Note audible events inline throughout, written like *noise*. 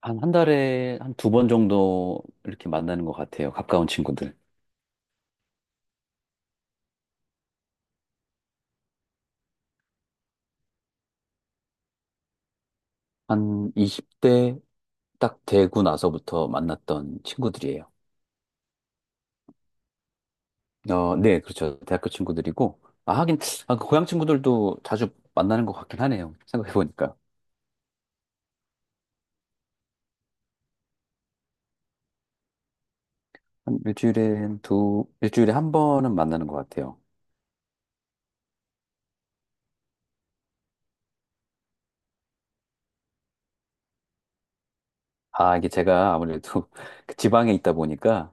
한 달에 한 두 번 정도 이렇게 만나는 것 같아요. 가까운 친구들. 한 20대 딱 되고 나서부터 만났던 친구들이에요. 어, 네, 그렇죠. 대학교 친구들이고. 아, 하긴, 아, 그 고향 친구들도 자주 만나는 것 같긴 하네요. 생각해보니까. 일주일에 한 번은 만나는 것 같아요. 아, 이게 제가 아무래도 *laughs* 그 지방에 있다 보니까,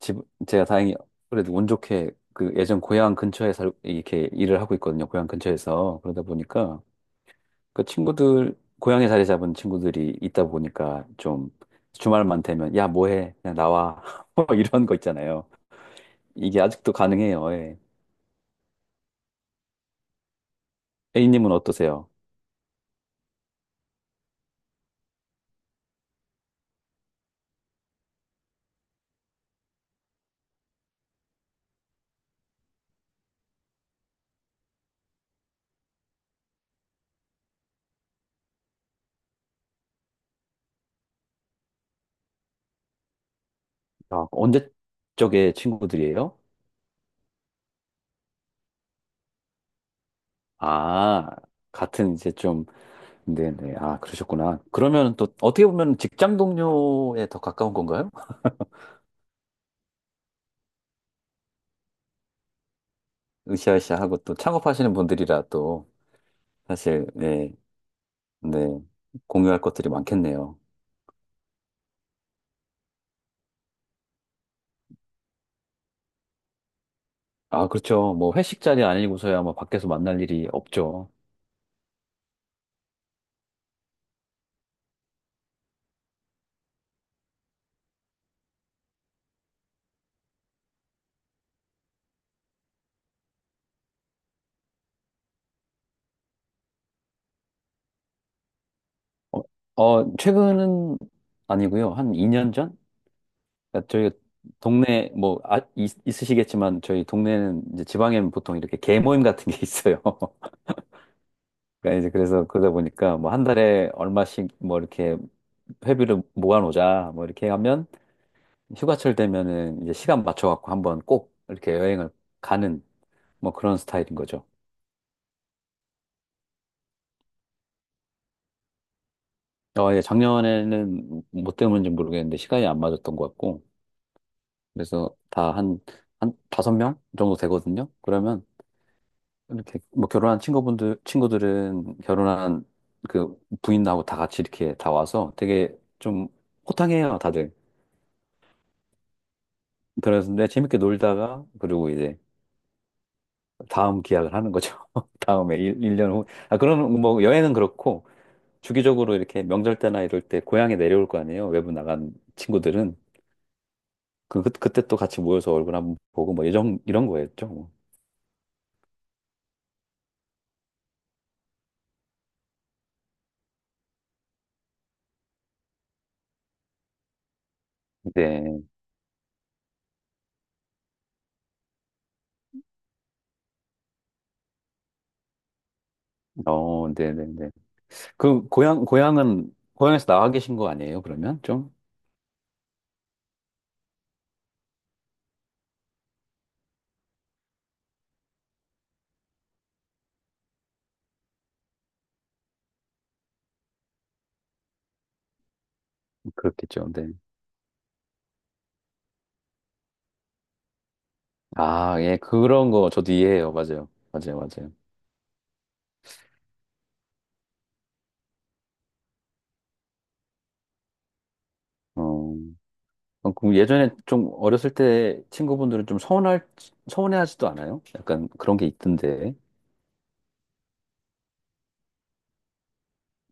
집, 제가 다행히 그래도 운 좋게 그 예전 고향 근처에 이렇게 일을 하고 있거든요. 고향 근처에서. 그러다 보니까 그 친구들, 고향에 자리 잡은 친구들이 있다 보니까 좀 주말만 되면, 야, 뭐 해? 그냥 나와. *laughs* 뭐 이런 거 있잖아요. 이게 아직도 가능해요. 예. A님은 어떠세요? 아, 언제 쪽에 친구들이에요? 아, 같은 이제 좀, 네네. 아, 그러셨구나. 그러면 또 어떻게 보면 직장 동료에 더 가까운 건가요? 으쌰으쌰하고 또 창업하시는 분들이라 또 사실, 네, 네. 공유할 것들이 많겠네요. 아, 그렇죠. 뭐 회식 자리 아니고서야 뭐 밖에서 만날 일이 없죠. 어, 어, 최근은 아니고요. 한 2년 전? 그러니까 저희 동네 뭐 아, 있으시겠지만 저희 동네는 이제 지방에는 보통 이렇게 개 모임 같은 게 *laughs* 있어요. 그러니까 이제 그래서 그러다 보니까 뭐 한 달에 얼마씩 뭐 이렇게 회비를 모아놓자 뭐 이렇게 하면 휴가철 되면은 이제 시간 맞춰 갖고 한번 꼭 이렇게 여행을 가는 뭐 그런 스타일인 거죠. 어, 예, 작년에는 뭐 때문인지 모르겠는데 시간이 안 맞았던 것 같고, 그래서 다 한, 한 다섯 명 정도 되거든요. 그러면 이렇게 뭐 결혼한 친구분들, 친구들은 결혼한 그 부인하고 다 같이 이렇게 다 와서 되게 좀 호탕해요, 다들. 그래서 근데 재밌게 놀다가, 그리고 이제 다음 기약을 하는 거죠. *laughs* 다음에 일년 후. 아, 그런 뭐 여행은 그렇고, 주기적으로 이렇게 명절 때나 이럴 때 고향에 내려올 거 아니에요. 외부 나간 친구들은. 그때 또 같이 모여서 얼굴 한번 보고 뭐 이런 거였죠. 뭐. 네. 어, 네네네. 그, 고향, 고향은, 고향에서 나와 계신 거 아니에요, 그러면? 좀? 그렇겠죠, 네. 아, 예, 그런 거 저도 이해해요. 맞아요. 맞아요, 맞아요. 어, 어, 그럼 예전에 좀 어렸을 때 친구분들은 좀 서운해하지도 않아요? 약간 그런 게 있던데.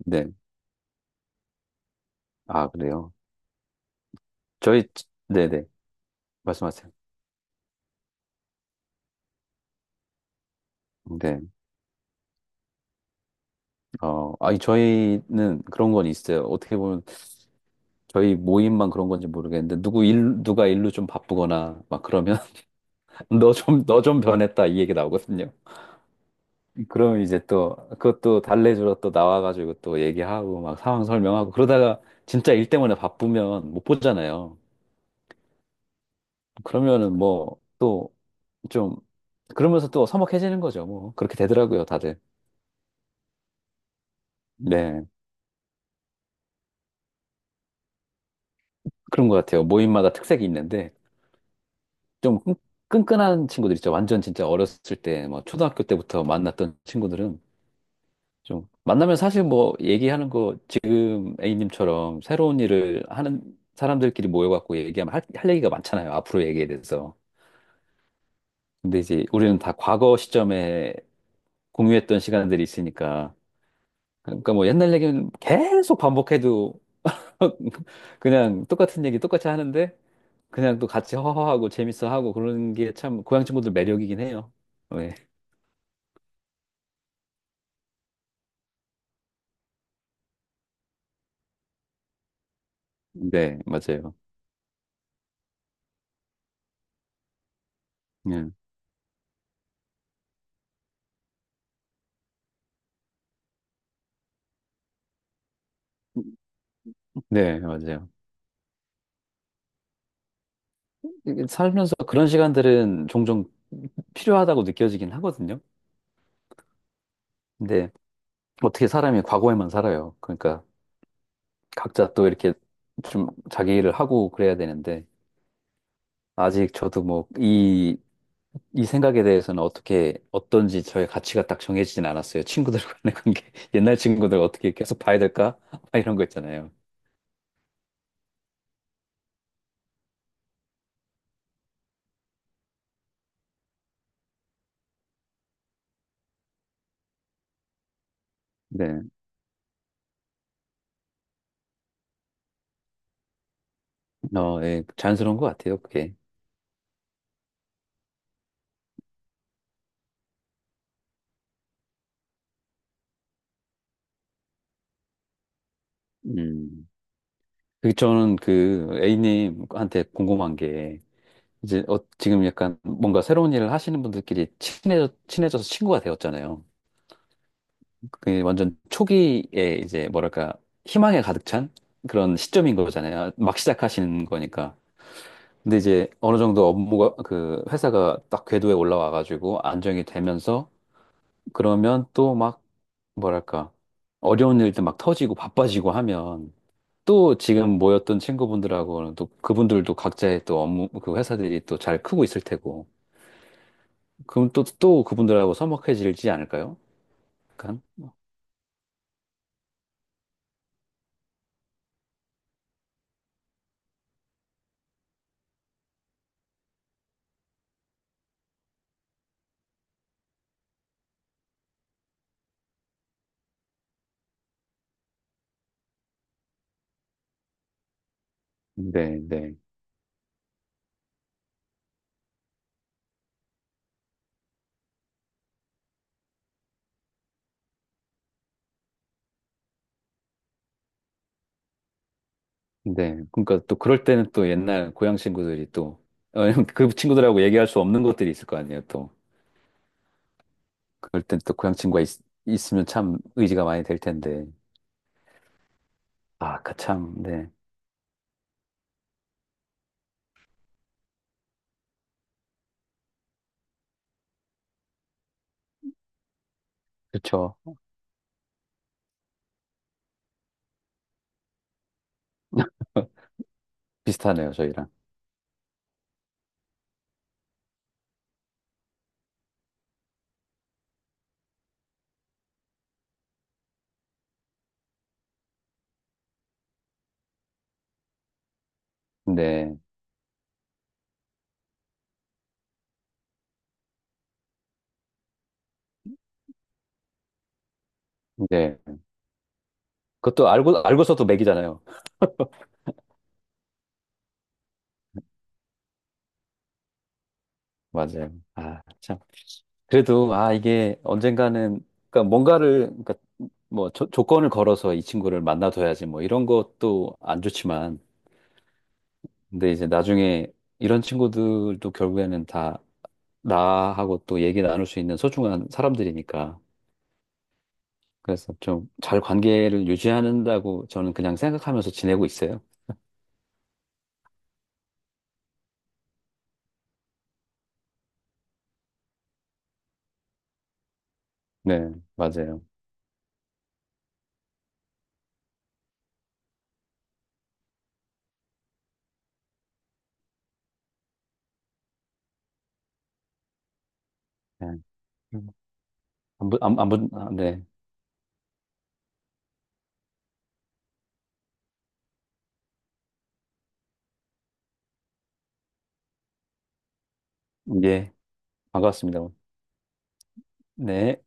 네. 아, 그래요. 네네. 말씀하세요. 네. 어, 아니, 저희는 그런 건 있어요. 어떻게 보면 저희 모임만 그런 건지 모르겠는데 누구 일 누가 일로 좀 바쁘거나 막 그러면 *laughs* 너 좀 변했다 이 얘기 나오거든요. 그럼 이제 또 그것도 달래주러 또 나와가지고 또 얘기하고 막 상황 설명하고 그러다가 진짜 일 때문에 바쁘면 못 보잖아요. 그러면은 뭐 또 좀 그러면서 또 서먹해지는 거죠. 뭐 그렇게 되더라고요, 다들. 네, 그런 것 같아요. 모임마다 특색이 있는데 좀 끈끈한 친구들 있죠. 완전 진짜 어렸을 때 뭐 초등학교 때부터 만났던 친구들은 좀 만나면 사실 뭐 얘기하는 거 지금 A님처럼 새로운 일을 하는 사람들끼리 모여갖고 얘기하면 할 얘기가 많잖아요. 앞으로 얘기에 대해서. 근데 이제 우리는 다 과거 시점에 공유했던 시간들이 있으니까. 그러니까 뭐 옛날 얘기는 계속 반복해도 *laughs* 그냥 똑같은 얘기 똑같이 하는데 그냥 또 같이 허허하고 재밌어 하고 그런 게 참 고향 친구들 매력이긴 해요. 네, 네, 맞아요. 네, 네, 맞아요. 이게 살면서 그런 시간들은 종종 필요하다고 느껴지긴 하거든요. 근데 어떻게 사람이 과거에만 살아요. 그러니까 각자 또 이렇게 좀 자기 일을 하고 그래야 되는데 아직 저도 뭐 이 생각에 대해서는 어떻게 어떤지 저의 가치가 딱 정해지진 않았어요. 친구들 간의 관계, *laughs* 옛날 친구들 어떻게 계속 봐야 될까? *laughs* 막 이런 거 있잖아요. 네, 어, 예, 자연스러운 것 같아요, 그게. 음. 그 저는 그 A님한테 궁금한 게 이제 어, 지금 약간 뭔가 새로운 일을 하시는 분들끼리 친해져서 친구가 되었잖아요. 그게 완전 초기에 이제 뭐랄까 희망에 가득 찬 그런 시점인 거잖아요. 막 시작하시는 거니까. 근데 이제 어느 정도 업무가 그 회사가 딱 궤도에 올라와가지고 안정이 되면서 그러면 또 막 뭐랄까 어려운 일들 막 터지고 바빠지고 하면 또 지금 모였던 친구분들하고는 또 그분들도 각자의 또 업무 그 회사들이 또 잘 크고 있을 테고 그럼 또, 또 그분들하고 서먹해지지 않을까요? 약간? 네, 네, 네. 그러니까 또 그럴 때는 또 옛날 고향 친구들이 또, 어, *laughs* 그 친구들하고 얘기할 수 없는 것들이 있을 거 아니에요, 또. 그럴 땐 또 고향 친구가 있으면 참 의지가 많이 될 텐데. 아, 그 참, 네. 그렇죠. 비슷하네요, 저희랑. 네, 네. 그것도 알고서도 맥이잖아요. *laughs* 맞아요. 아, 참. 그래도 아 이게 언젠가는 그러니까 뭔가를 그러니까 뭐 조건을 걸어서 이 친구를 만나둬야지 뭐 이런 것도 안 좋지만 근데 이제 나중에 이런 친구들도 결국에는 다 나하고 또 얘기 나눌 수 있는 소중한 사람들이니까 그래서 좀 잘 관계를 유지한다고 저는 그냥 생각하면서 지내고 있어요. 네, 맞아요. 네. 음. 안부, 안, 안부, 아, 네. 예, 반갑습니다. 네.